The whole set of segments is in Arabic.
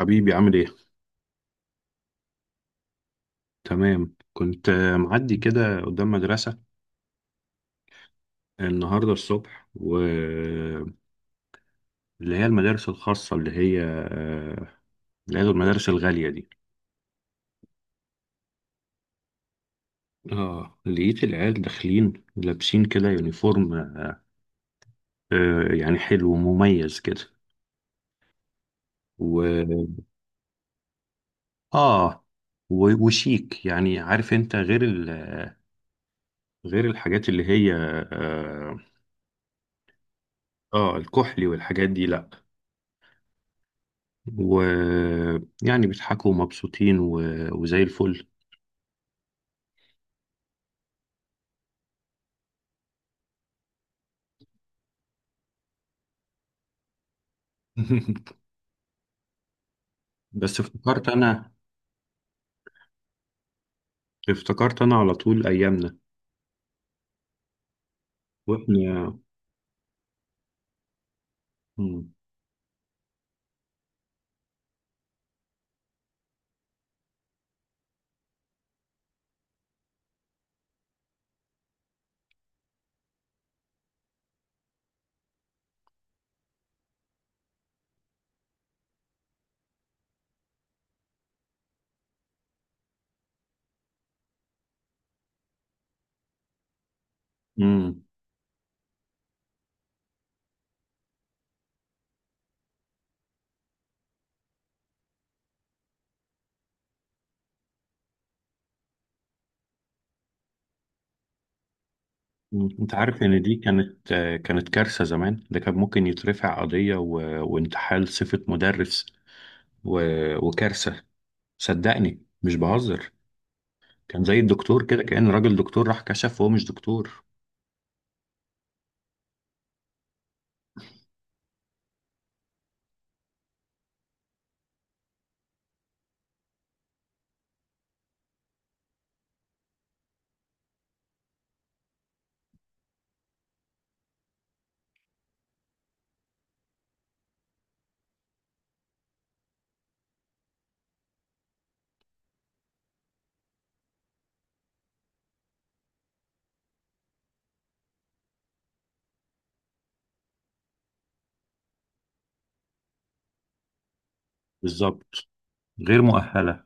حبيبي عامل ايه؟ تمام كنت معدي كده قدام مدرسة النهاردة الصبح واللي هي المدارس الخاصة اللي هي المدارس الغالية دي. اه، لقيت العيال داخلين لابسين كده يونيفورم، يعني حلو ومميز كده. و اه وشيك، يعني عارف انت، غير غير الحاجات اللي هي الكحلي والحاجات دي، لا. ويعني بيضحكوا ومبسوطين وزي الفل. بس افتكرت انا، افتكرت انا على طول ايامنا واحنا. مم. مم. انت عارف ان دي كانت، كانت كارثة؟ زمان ده كان ممكن يترفع قضية وانتحال صفة مدرس و... وكارثة، صدقني مش بهزر. كان زي الدكتور كده، كأن راجل دكتور راح كشف وهو مش دكتور. بالظبط، غير مؤهلة.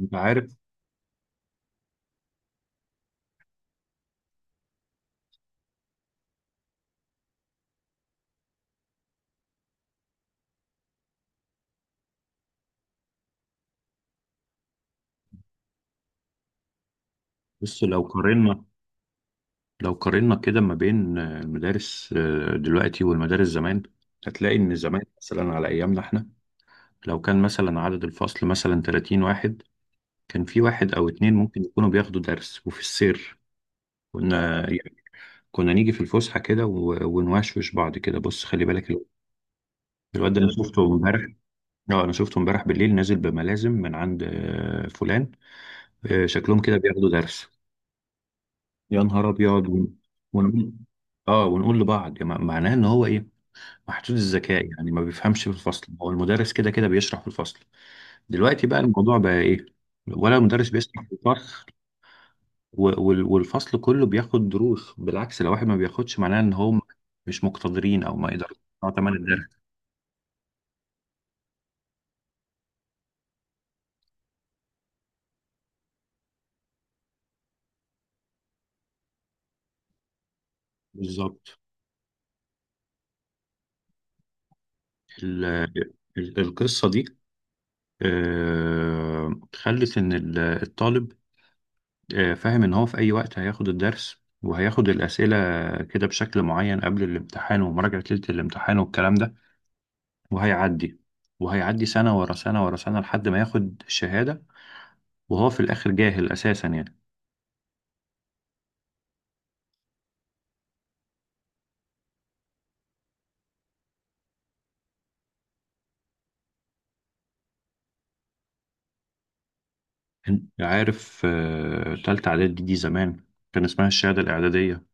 انت عارف، بس لو قارنا، لو قارنا كده ما بين، المدارس دلوقتي والمدارس زمان، هتلاقي ان زمان مثلا على ايامنا احنا، لو كان مثلا عدد الفصل مثلا 30 واحد، كان في واحد او اتنين ممكن يكونوا بياخدوا درس وفي السير. كنا يعني، كنا نيجي في الفسحة كده ونوشوش بعض كده: بص خلي بالك، الواد ده انا شفته امبارح، اه انا شفته امبارح بالليل نازل بملازم من عند، فلان، شكلهم كده بياخدوا درس. يا نهار ابيض! ونقول، اه، ونقول لبعض يعني معناه ان هو ايه؟ محدود الذكاء، يعني ما بيفهمش في الفصل، هو المدرس كده كده بيشرح في الفصل. دلوقتي بقى الموضوع بقى ايه؟ ولا المدرس بيشرح في الفصل، والفصل كله بياخد دروس. بالعكس، لو واحد ما بياخدش معناه ان هم مش مقتدرين او ما يقدرش يدفعوا تمن الدرس. بالظبط. ال- القصة دي، خلت ان الطالب، فاهم ان هو في اي وقت هياخد الدرس وهياخد الأسئلة كده بشكل معين قبل الامتحان ومراجعة ليلة الامتحان والكلام ده، وهيعدي، وهيعدي سنة ورا سنة ورا سنة لحد ما ياخد الشهادة، وهو في الآخر جاهل أساسا يعني. عارف، تالتة إعدادي دي زمان كان اسمها الشهادة الإعدادية،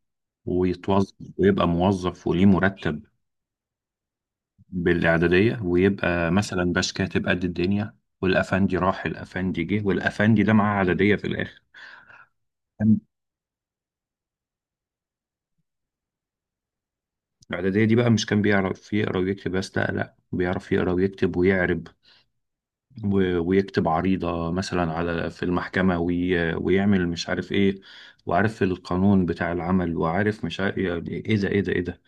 ويتوظف ويبقى موظف وليه مرتب بالإعدادية، ويبقى مثلا باش كاتب قد الدنيا. والأفندي راح الأفندي جه، والأفندي ده معاه إعدادية في الآخر. كان الإعدادية دي بقى، مش كان بيعرف يقرا ويكتب بس، لا لا، بيعرف يقرا ويكتب ويعرب، ويكتب عريضة مثلا على في المحكمة، ويعمل مش عارف ايه، وعارف القانون بتاع العمل، وعارف مش عارف يعني ايه ده ايه ده ايه ده.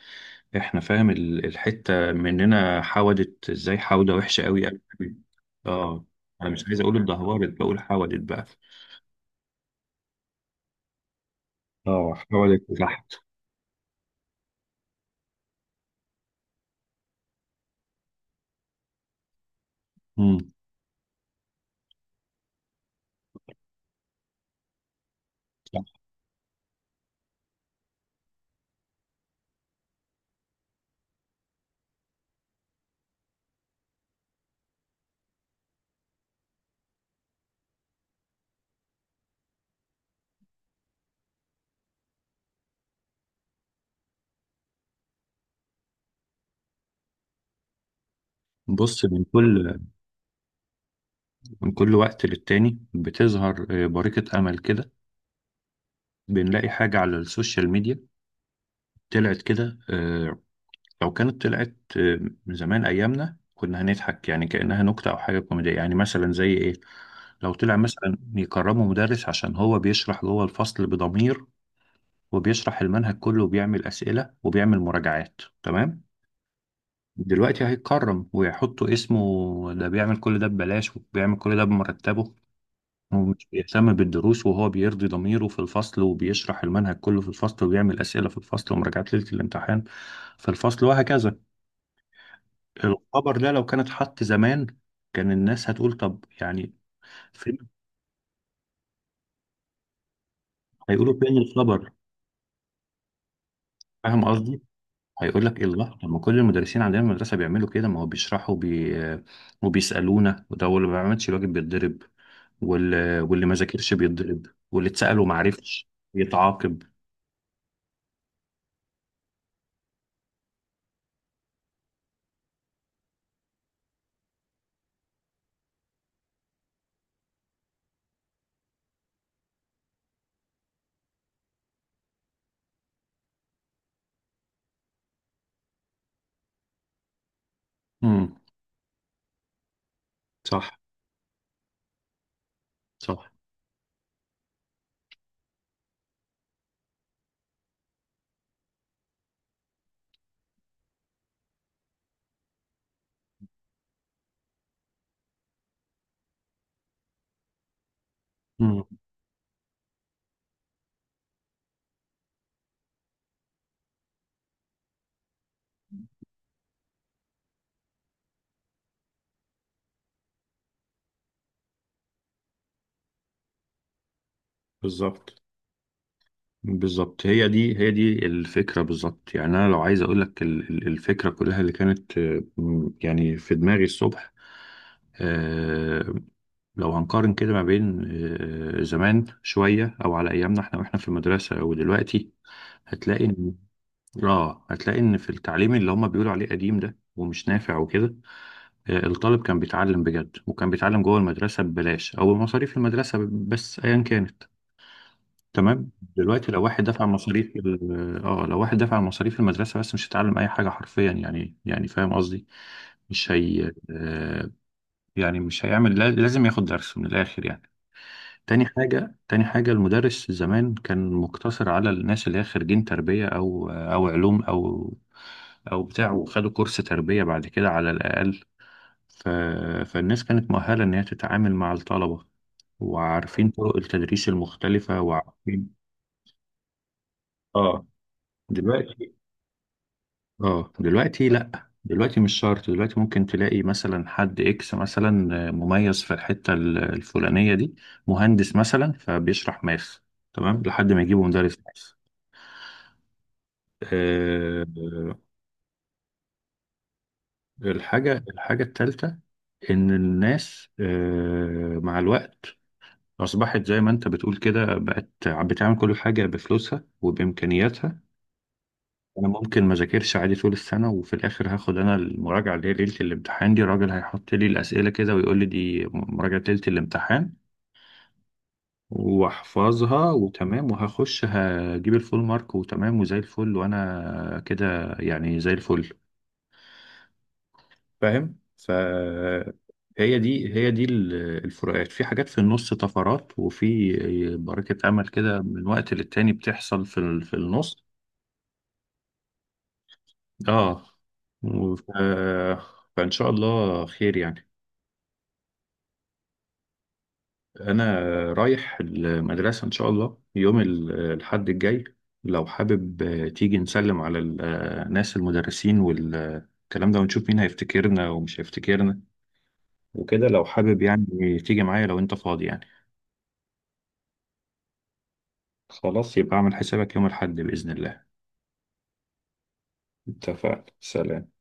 احنا فاهم الحتة مننا حودت ازاي، حودة وحشة قوي قوي قوي. اه، انا مش عايز اقول اتدهورت، بقول حودت بقى. اه حودت تحت. امم، بص. من كل، من كل وقت للتاني بتظهر، بريقة امل كده. بنلاقي حاجة على السوشيال ميديا طلعت كده، لو كانت طلعت من زمان ايامنا، كنا هنضحك يعني، كأنها نكتة او حاجة كوميدية. يعني مثلا زي ايه؟ لو طلع مثلا يكرموا مدرس عشان هو بيشرح جوه الفصل بضمير، وبيشرح المنهج كله وبيعمل أسئلة وبيعمل مراجعات، تمام. دلوقتي هيتكرم ويحطوا اسمه، ده بيعمل كل ده ببلاش، وبيعمل كل ده بمرتبه، ومش بيهتم بالدروس، وهو بيرضي ضميره في الفصل، وبيشرح المنهج كله في الفصل، وبيعمل أسئلة في الفصل، ومراجعات ليلة الامتحان في الفصل، وهكذا. الخبر ده لو كان اتحط زمان، كان الناس هتقول طب يعني فين؟ هيقولوا فين الخبر؟ فاهم قصدي؟ هيقول لك الله، طب ما كل المدرسين عندنا في المدرسه بيعملوا كده، ما هو بيشرحوا وبيسالونا، وده اللي ما بيعملش الواجب بيتضرب، واللي ما ذاكرش بيتضرب، واللي اتسال وما عرفش يتعاقب. امم، صح، صح. امم، بالظبط. بالظبط، هي دي الفكرة بالظبط. يعني أنا لو عايز أقول لك الفكرة كلها اللي كانت، يعني في دماغي الصبح، آه، لو هنقارن كده ما بين، زمان شوية أو على أيامنا إحنا وإحنا في المدرسة أو دلوقتي، هتلاقي إن، آه، هتلاقي إن في التعليم اللي هما بيقولوا عليه قديم ده ومش نافع وكده، الطالب كان بيتعلم بجد وكان بيتعلم جوه المدرسة ببلاش أو بمصاريف المدرسة بس أيا كانت، تمام. دلوقتي لو واحد دفع مصاريف لو واحد دفع مصاريف المدرسة بس، مش هيتعلم أي حاجة حرفيا، يعني يعني فاهم قصدي؟ مش هي آه، يعني مش هيعمل، لازم ياخد درس من الآخر يعني. تاني حاجة المدرس زمان كان مقتصر على الناس اللي هي خريجين تربية أو علوم أو بتاع، وخدوا كورس تربية بعد كده على الأقل. ف... فالناس كانت مؤهلة إن هي تتعامل مع الطلبة، وعارفين طرق التدريس المختلفة وعارفين، آه. دلوقتي، اه دلوقتي لا دلوقتي مش شرط، دلوقتي ممكن تلاقي مثلا حد اكس مثلا مميز في الحتة الفلانية دي، مهندس مثلا، فبيشرح ماث، تمام، لحد ما يجيبه مدرس ماث، آه، الحاجة التالتة، إن الناس، مع الوقت أصبحت زي ما أنت بتقول كده، بقت بتعمل كل حاجة بفلوسها وبإمكانياتها. انا ممكن ما ذاكرش عادي طول السنه، وفي الاخر هاخد انا المراجعه اللي هي ليله الامتحان دي، الراجل هيحط لي الاسئله كده ويقول لي دي مراجعه ليله الامتحان، واحفظها وتمام، وهخش هجيب الفول مارك وتمام وزي الفل، وانا كده يعني زي الفل. فاهم؟ هي دي الفروقات في حاجات، في النص طفرات، وفي بركه امل كده من وقت للتاني بتحصل في في النص. اه، و- ف- فان شاء الله خير يعني. انا رايح المدرسه ان شاء الله يوم الحد الجاي، لو حابب، تيجي نسلم على الناس المدرسين والكلام ده، ونشوف مين هيفتكرنا ومش هيفتكرنا وكده، لو حابب يعني تيجي معايا لو انت فاضي يعني. خلاص، يبقى اعمل حسابك يوم الحد باذن الله. اتفقنا، سلام.